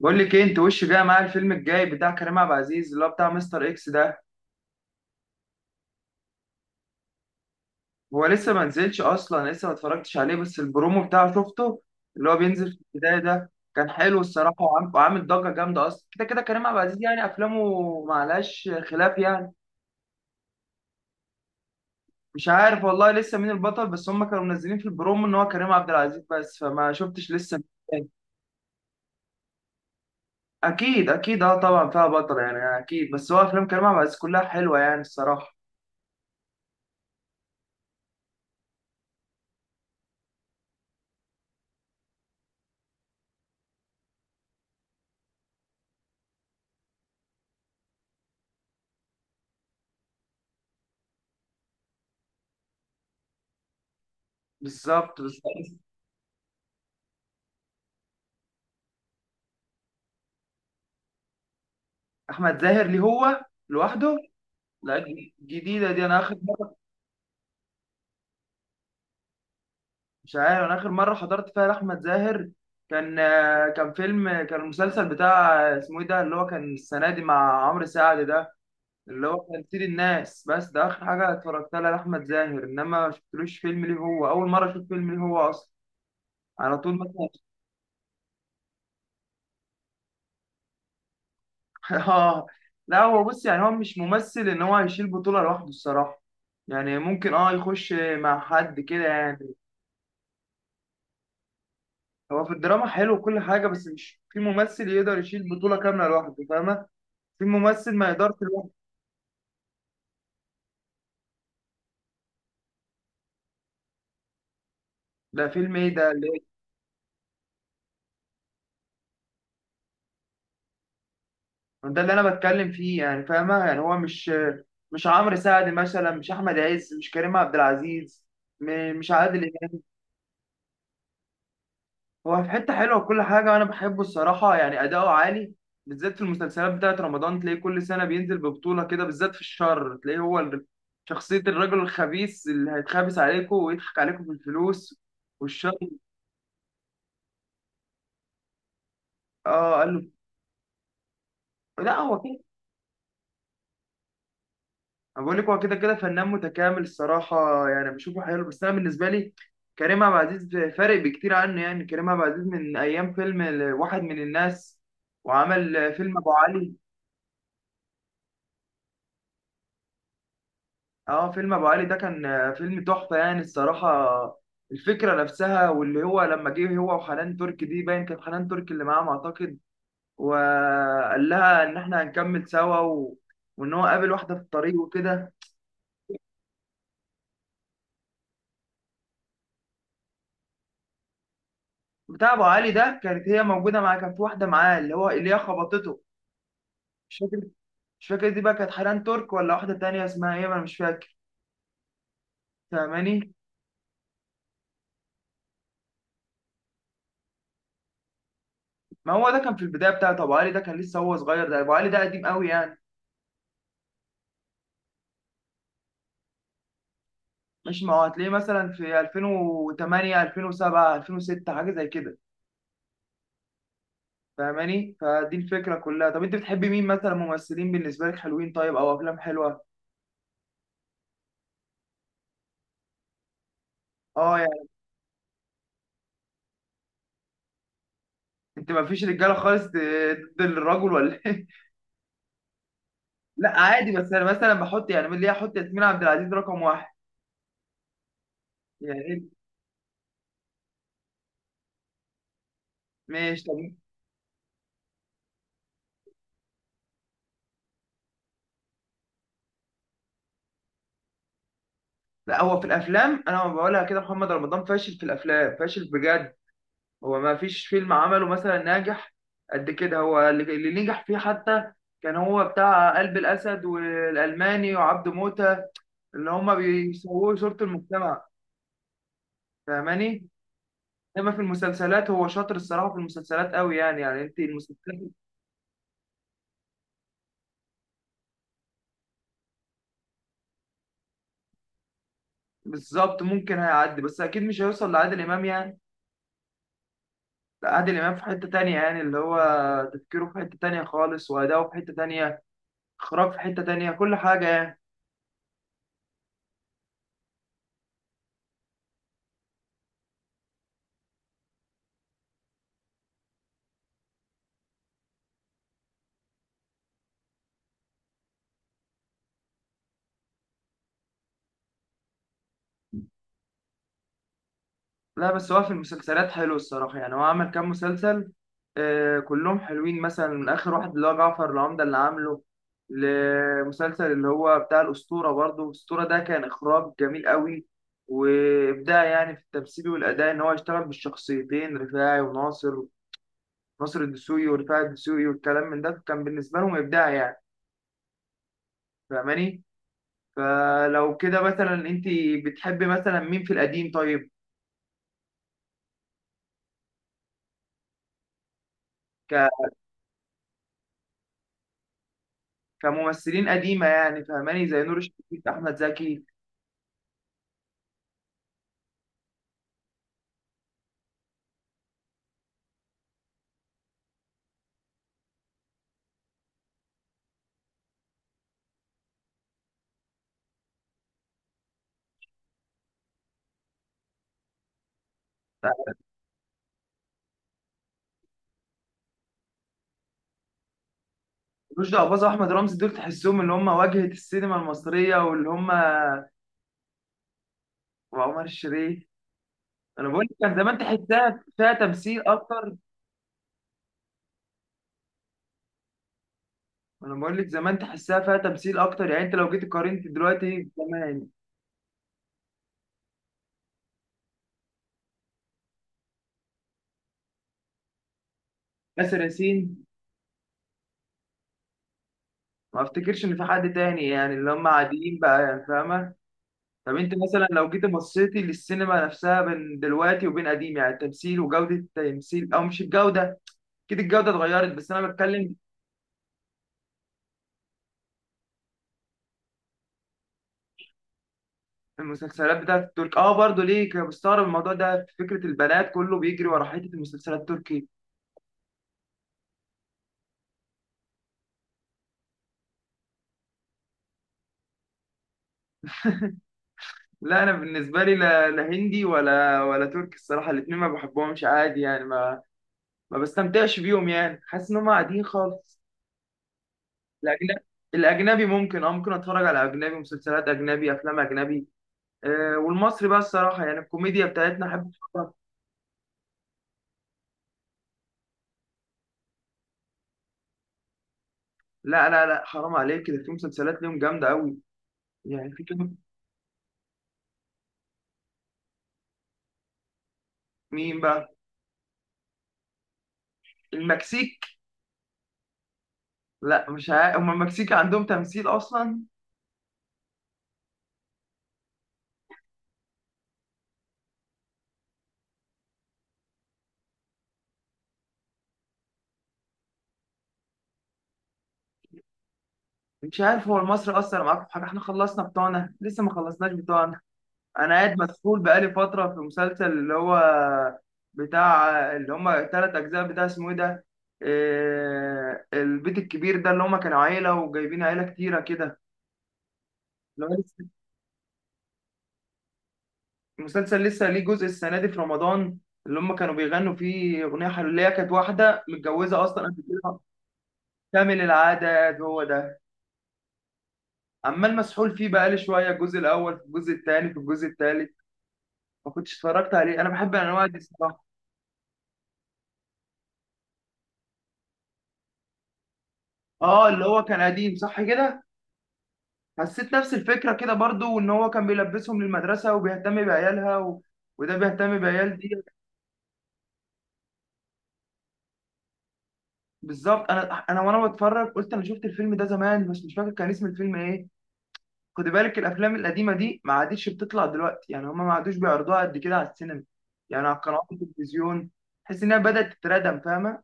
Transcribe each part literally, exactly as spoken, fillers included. بقول لك ايه؟ انت وش جاي معايا الفيلم الجاي بتاع كريم عبد العزيز اللي هو بتاع مستر اكس ده. هو لسه ما نزلش اصلا، لسه ما اتفرجتش عليه بس البرومو بتاعه شفته، اللي هو بينزل في البدايه ده. كان حلو الصراحه، وعام- وعامل ضجه جامده. اصلا كده كده كريم عبد العزيز يعني افلامه معلهاش خلاف يعني. مش عارف والله لسه مين البطل، بس هم كانوا منزلين في البرومو ان هو كريم عبد العزيز بس، فما شفتش لسه مين تاني. اكيد اكيد اه، طبعا فيها بطل يعني اكيد، بس هو افلام كريم عبد العزيز كلها حلوه يعني الصراحه. بالظبط بالظبط. احمد زاهر ليه هو لوحده؟ لا، ج- جديده دي، انا اخر مره. مش عارف، انا اخر مره حضرت فيها لاحمد زاهر كان آه، كان فيلم، كان المسلسل بتاع آه، اسمه ايه ده اللي هو كان السنه دي مع عمرو سعد ده، اللي هو كان سيد الناس. بس ده اخر حاجه اتفرجت لها لاحمد زاهر، انما ما شفتلوش فيلم ليه هو. اول مره اشوف فيلم ليه هو اصلا على طول مثلا. اه. لا هو بص، يعني هو مش ممثل ان هو هيشيل بطوله لوحده الصراحه، يعني ممكن اه يخش مع حد كده يعني. هو في الدراما حلو وكل حاجة، بس مش في ممثل يقدر يشيل بطولة كاملة لوحده، فاهمة؟ في ممثل ما يقدرش لوحده. ده فيلم ايه ده اللي إيه؟ ده اللي انا بتكلم فيه يعني، فاهمة؟ يعني هو مش، مش عمرو سعد مثلا، مش احمد عز، مش كريم عبد العزيز، م- مش عادل امام. هو في حتة حلوة وكل حاجة، وانا بحبه الصراحة يعني اداؤه عالي، بالذات في المسلسلات بتاعت رمضان تلاقيه كل سنة بينزل ببطولة كده، بالذات في الشر تلاقيه هو ال- شخصية الرجل الخبيث اللي هيتخابس عليكم ويضحك عليكم في الفلوس والشر. اه قال له. لا هو كده. انا بقول لك هو كده كده فنان متكامل الصراحه، يعني بشوفه حلو، بس انا بالنسبه لي كريم عبد العزيز فارق بكتير عنه. يعني كريم عبد العزيز من ايام فيلم ال- واحد من الناس، وعمل فيلم ابو علي. اه فيلم ابو علي ده كان فيلم تحفه يعني الصراحه. الفكره نفسها، واللي هو لما جه هو وحنان تركي دي، باين كانت حنان تركي اللي معاهم اعتقد، وقال لها ان احنا هنكمل سوا و... وان هو قابل واحده في الطريق وكده. بتاع ابو علي ده كانت هي موجوده معاه، كان في واحده معاه اللي هو اللي هي خبطته. مش فاكر، مش فاكر دي بقى كانت حنان ترك ولا واحده تانية اسمها ايه، ما انا مش فاكر. فاهماني؟ ما هو ده كان في البدايه بتاعته، ابو علي ده كان لسه هو صغير، ده ابو علي ده قديم قوي يعني. مش، ما هو هتلاقيه مثلا في ألفين وتمانية ألفين وسبعة ألفين وستة حاجه زي كده. فاهماني؟ فدي الفكره كلها. طب انت بتحبي مين مثلا ممثلين بالنسبه لك حلوين، طيب، او افلام حلوه؟ اه يعني انت ما فيش رجاله خالص، ضد الرجل ولا إيه؟ لا عادي، بس انا مثلا بحط يعني، من ليه احط ياسمين عبد العزيز رقم واحد؟ يعني ايه؟ ماشي طب. لا هو في الافلام انا ما بقولها كده، محمد رمضان فاشل في الافلام فاشل بجد. هو ما فيش فيلم عمله مثلا ناجح قد كده. هو اللي اللي نجح فيه حتى كان هو بتاع قلب الاسد والالماني وعبد موتة، اللي هما بيسووا صورة المجتمع. فاهماني؟ انما في المسلسلات هو شاطر الصراحة، في المسلسلات قوي يعني، يعني انت المسلسلات بالظبط ممكن هيعدي. بس اكيد مش هيوصل لعادل امام يعني. لا عادل إمام في حتة تانية يعني، اللي هو تفكيره في حتة تانية خالص، وأداؤه في حتة تانية، إخراج في حتة تانية، كل حاجة يعني. لا بس هو في المسلسلات حلو الصراحة، يعني هو عمل كام مسلسل آه كلهم حلوين، مثلا من آخر واحد اللي هو جعفر العمدة اللي عامله، لمسلسل اللي هو بتاع الأسطورة برضه. الأسطورة ده كان إخراج جميل قوي، وإبداع يعني في التمثيل والأداء، إن هو يشتغل بالشخصيتين رفاعي وناصر، ناصر الدسوقي ورفاعي الدسوقي، والكلام من ده كان بالنسبة لهم إبداع يعني، فاهماني؟ فلو كده مثلا انت بتحبي مثلا مين في القديم طيب؟ ك... كممثلين قديمه يعني، فاهماني؟ زي نور الشريف، احمد زكي، رشدي اباظه، احمد رمزي، دول تحسهم اللي هم واجهه السينما المصريه واللي هم، وعمر الشريف. انا بقول لك كان زمان تحسها فيها تمثيل اكتر. انا بقول لك زمان تحسها فيها تمثيل اكتر يعني، انت لو جيت قارنت دلوقتي زمان. ياسر ياسين. ما افتكرش ان في حد تاني يعني، اللي هم عاديين بقى يعني، فاهمه. طب انت مثلا لو جيت بصيتي للسينما نفسها بين دلوقتي وبين قديم، يعني التمثيل وجودة التمثيل، او مش الجودة كده، الجودة اتغيرت، بس انا بتكلم. في المسلسلات بتاعت الترك اه برضه ليه كنت بستغرب الموضوع ده، في فكرة البنات كله بيجري ورا حتة المسلسلات التركي. لا انا بالنسبة لي، لا, لا هندي ولا ولا تركي الصراحة، الاتنين ما بحبهمش عادي يعني، ما ما بستمتعش بيهم يعني، حاسس ان هم قاعدين خالص. الاجنبي، الاجنبي ممكن، اه ممكن اتفرج على اجنبي، مسلسلات اجنبي افلام اجنبي، آه، والمصري بقى الصراحه يعني الكوميديا بتاعتنا احب أتفرج. لا لا لا حرام عليك كده، في مسلسلات ليهم جامده قوي، يعني في كام. مين بقى؟ المكسيك؟ لا مش عارف، هم المكسيك عندهم تمثيل اصلا؟ مش عارف، هو المصري اثر معاكم في حاجه، احنا خلصنا بتوعنا، لسه ما خلصناش بتوعنا. انا قاعد مسحول بقالي فتره في مسلسل اللي هو بتاع، اللي هم ثلاث اجزاء بتاع اسمه ايه ده، آه، البيت الكبير ده اللي هم كانوا عيله وجايبين عيله كتيره كده. لو المسلسل لسه ليه جزء السنه دي في رمضان، اللي هم كانوا بيغنوا فيه اغنيه حلوليه، كانت واحده متجوزه اصلا قبل كده. كامل العدد هو ده. عمال مسحول فيه بقالي شويه الجزء الاول، في الجزء الثاني، في الجزء الثالث. ما كنتش اتفرجت عليه، انا بحب الانواع دي الصراحه. اه اللي هو كان قديم صح كده. حسيت نفس الفكره كده برضو، وان هو كان بيلبسهم للمدرسه وبيهتم بعيالها و... وده بيهتم بعيال دي. بالظبط. انا انا وانا بتفرج قلت انا شفت الفيلم ده زمان بس مش فاكر كان اسم الفيلم ايه. خد بالك الافلام القديمه دي ما عادتش بتطلع دلوقتي، يعني هما ما عادوش بيعرضوها قد كده على السينما، يعني على قنوات التلفزيون. تحس انها بدات تتردم، فاهمه؟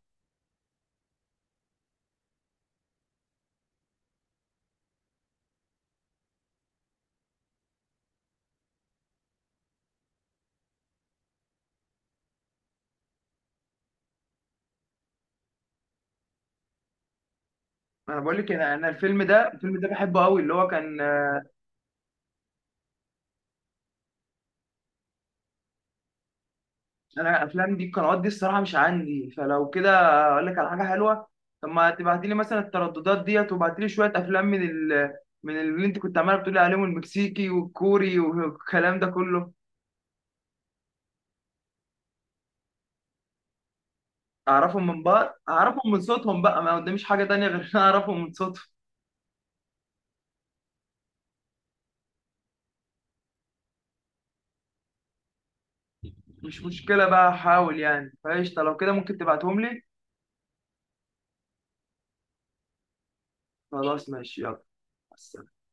انا بقول لك انا أنا الفيلم ده، الفيلم ده بحبه قوي اللي هو كان. انا الافلام دي القنوات دي الصراحه مش عندي، فلو كده اقول لك على حاجه حلوه. طب ما تبعتي لي مثلا الترددات ديت، وبعتي لي شويه افلام من ال... من اللي انت كنت عماله بتقولي عليهم المكسيكي والكوري والكلام ده كله. اعرفهم من بعض، اعرفهم من صوتهم بقى، ما قداميش حاجه تانية غير ان أنا اعرفهم من صوتهم. مش مشكلة بقى، هحاول يعني، فقشطة لو كده ممكن تبعتهم لي. خلاص ماشي يلا. مع السلامة.